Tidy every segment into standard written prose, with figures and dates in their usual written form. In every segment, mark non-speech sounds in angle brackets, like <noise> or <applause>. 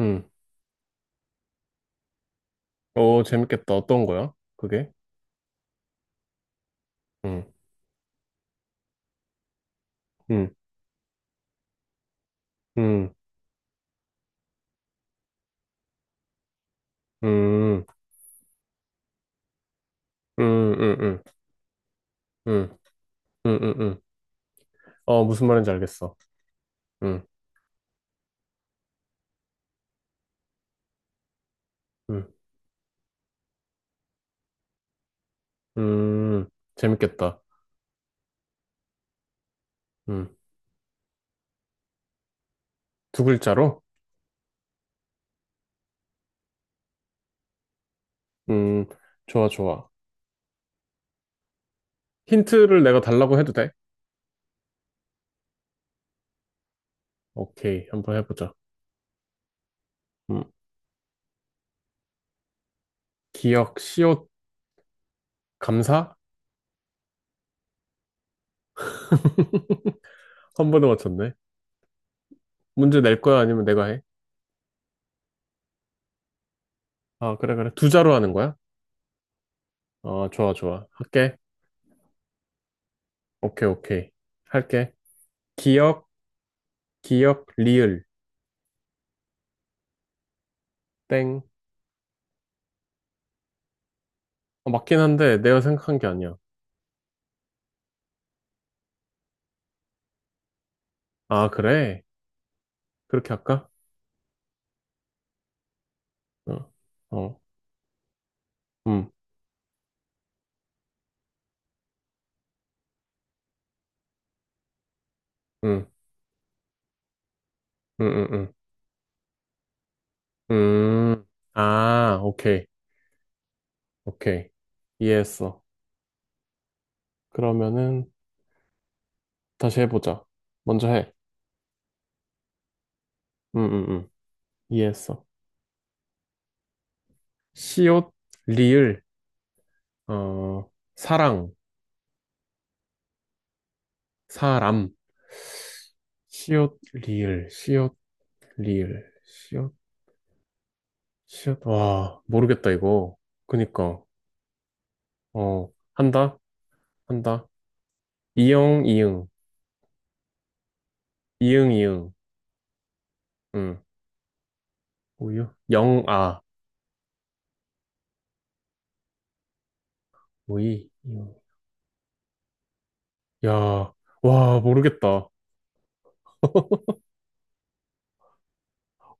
음. 오, 재밌겠다. 어떤 거야? 그게? 음. 음. 음. 음. 음. 음. 음. 음. 음. 음. 음. 어, 무슨 말인지 알겠어. 음. 음. 음. 재밌겠다. 음. 두 글자로? 음. 좋아, 좋아. 힌트를 내가 달라고 해도 돼? 오케이. 한번 해보자. 음. 기억, 시옷, 감사? <laughs> 한 번에 맞췄네. 문제 낼 거야? 아니면 내가 해? 아, 그래, 그래. 두 자로 하는 거야? 아, 좋아, 좋아. 할게. 오케이, 오케이. 할게. 기억, 기억, 리을, 땡. 어, 맞긴 한데 내가 생각한 게 아니야. 아, 그래? 그렇게 할까? 어, 어, 음, 음, 음, 음, 음. 음. 아, 오케이, 오케이. 이해했어. 그러면은 다시 해보자. 먼저 해. 음, 음, 음. 이해했어. 시옷, 리을, 어, 사랑, 사람. 시옷, 리을, 시옷, 리을, 시옷, 시옷. 와, 모르겠다, 이거. 그니까, 어, 한다? 한다. 이용 이응, 이응, 이응, 응, 우유, 영, 아, 우이, 이응. 야, 와, 모르겠다. <laughs>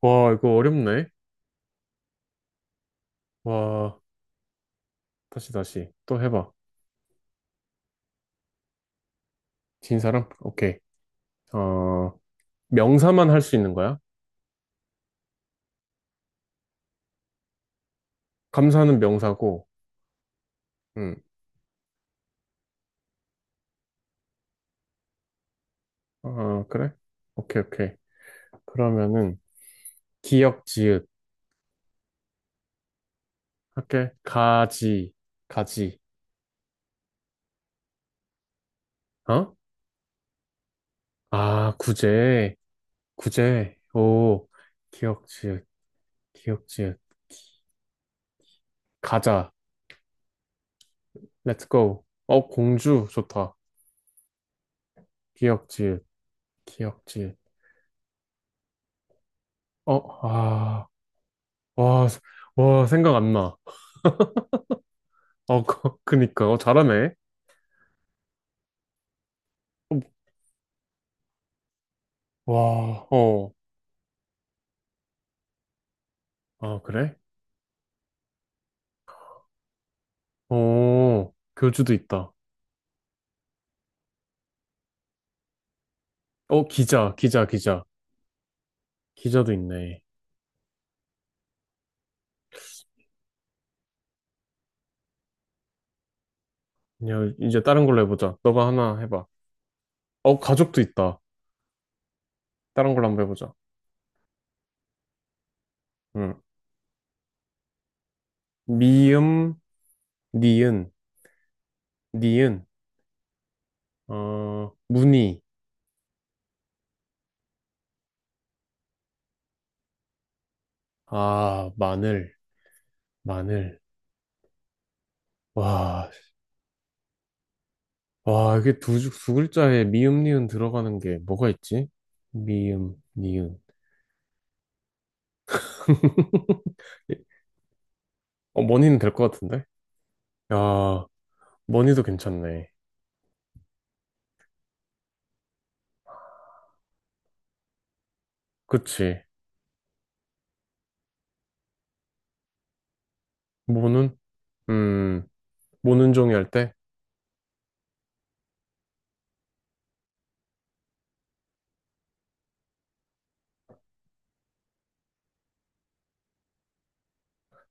와, 이거 어렵네. 와, 다시, 다시. 또 해봐. 진 사람? 오케이. 어, 명사만 할 수 있는 거야? 감사는 명사고, 응. 어, 그래? 오케이, 오케이. 그러면은, 기역, 지읒. 할게. 가지, 가지. 어? 아, 구제, 구제. 오, 기역, 지읒, 기역, 지읒. 가자. Let's go. 어, 공주 좋다. 기역지읒, 기역지읒. 어, 아, 와, 와, 생각 안 나. 어, 그니까. 어, 잘하네. 어, 와, 어, 아, 그래? 어, 교주도 있다. 어, 기자, 기자, 기자. 기자도 있네. 그냥 이제 다른 걸로 해보자. 너가 하나 해봐. 어, 가족도 있다. 다른 걸로 한번 해보자. 응. 미음, 니은, 니은, 어, 무늬. 아, 마늘, 마늘. 와. 와, 이게 두 글자에 미음, 니은 들어가는 게 뭐가 있지? 미음, 니은. <laughs> 어, 머니는 될 것 같은데? 야, 머니도 괜찮네. 그치. 모는? 음, 모는 종이 할 때?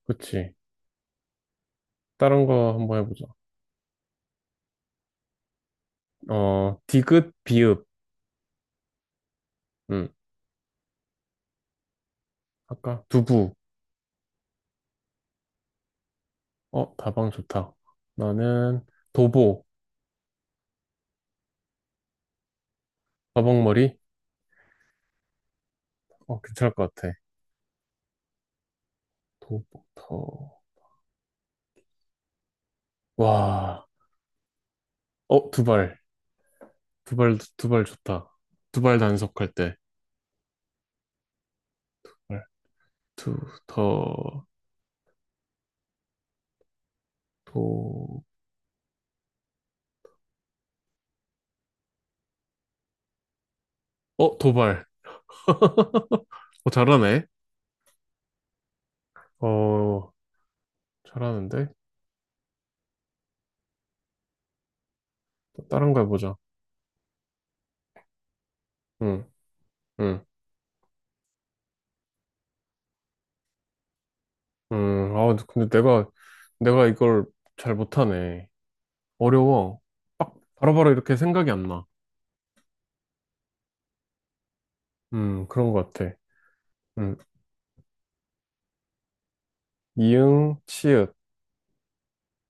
그치. 다른 거 한번 해보자. 어, 디귿, 비읍. 음, 아까 두부. 어, 다방 좋다. 나는 도보. 다방머리? 어, 괜찮을 것 같아. 도보, 더. 와, 어, 두발. 두발, 두발 좋다. 두발 단속할 때. 발. 두, 더, 도, 어, 도발. 어, 잘하네. 어, 잘하는데? 또 다른 거 해보자. 응, 응, 응. 아, 근데 내가, 이걸 잘 못하네. 어려워. 빡, 바로바로 이렇게 생각이 안 나. 그런 것 같아. 음, 이응, 치읓.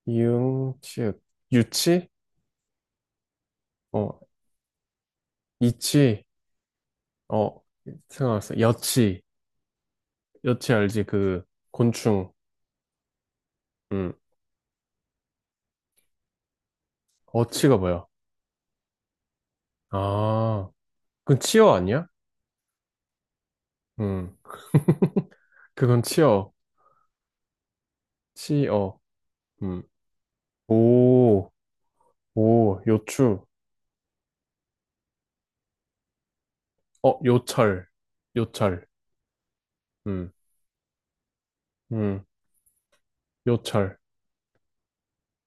이응, 치읓. 유치? 어, 이치. 어, 생각났어. 여치. 여치 알지? 그, 곤충. 음. 어치가 뭐야? 아, 그건 치어 아니야? 음, 그건 치어, 치어, 음, 오, 오, 요추, 어, 요철, 요철, 음, 음, 요철,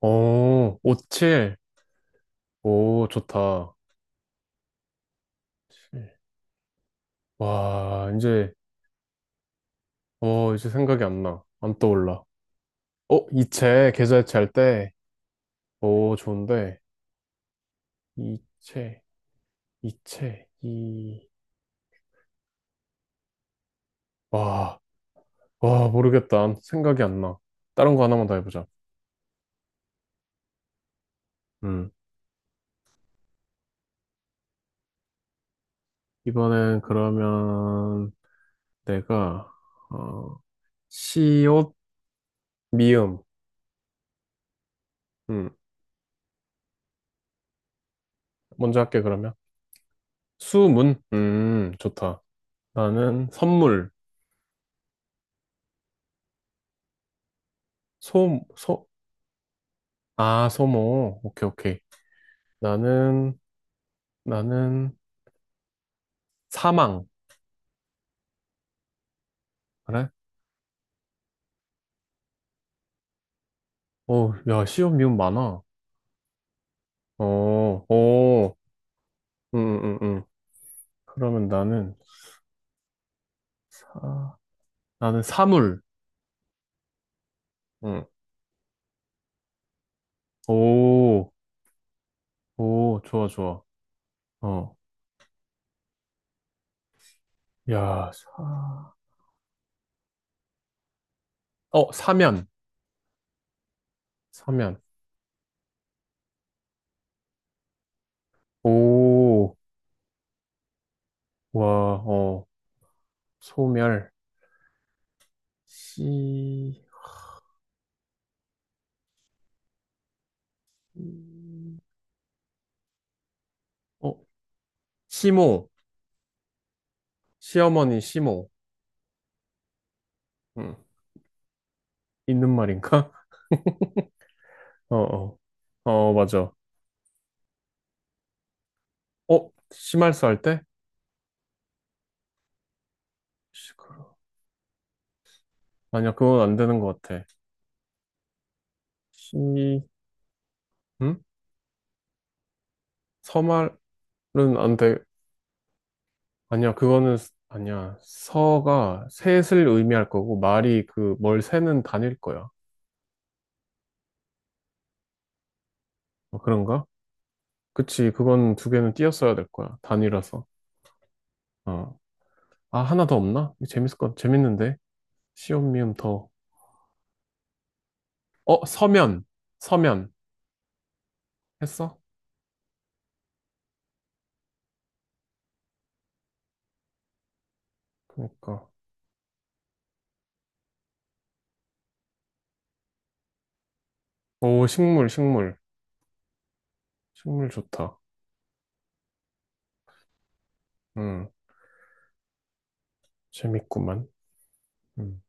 오, 오칠, 오, 좋다. 칠. 와, 이제, 어, 이제 생각이 안 나. 안 떠올라. 어, 이체, 계좌이체 할 때, 오, 좋은데, 이체, 이체, 이, 와. 와, 모르겠다. 생각이 안 나. 다른 거 하나만 더 해보자. 음. 이번엔 그러면 내가, 어, 시옷, 미음. 음. 먼저 할게, 그러면. 수문. 좋다. 나는 선물. 소, 소, 아, 소모. 오케이, 오케이. 나는, 나는 사망. 그래? 오, 야, 시옷, 미음 많아. 어, 오, 음, 음, 음. 그러면 나는 사, 나는 사물. 응. 오. 오, 좋아, 좋아. 어. 야, 사, 어, 사면. 사면. 오, 와, 어, 소멸. 시, 음, 어, 시모. 시어머니 시모. 응. 있는 말인가? <laughs> 어, 어. 어, 맞아. 어, 심할수 할 때? 시끄러. 아니야, 그건 안 되는 것 같아. 시, 응? 서말은 안 돼. 아니야, 그거는, 아니야. 서가 셋을 의미할 거고, 말이 그, 뭘 세는 단일 거야. 어, 그런가? 그치, 그건 두 개는 띄었어야 될 거야. 단위라서. 어. 아, 하나 더 없나? 이거 재밌을 것, 재밌는데? 시옷, 미음, 더. 어, 서면. 서면. 했어? 그니까. 오, 식물, 식물. 식물 좋다. 음, 재밌구만. 음.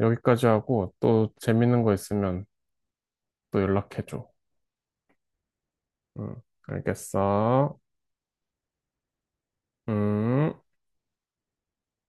여기까지 하고, 또 재밌는 거 있으면 또 연락해줘. 음, 알겠어. 음.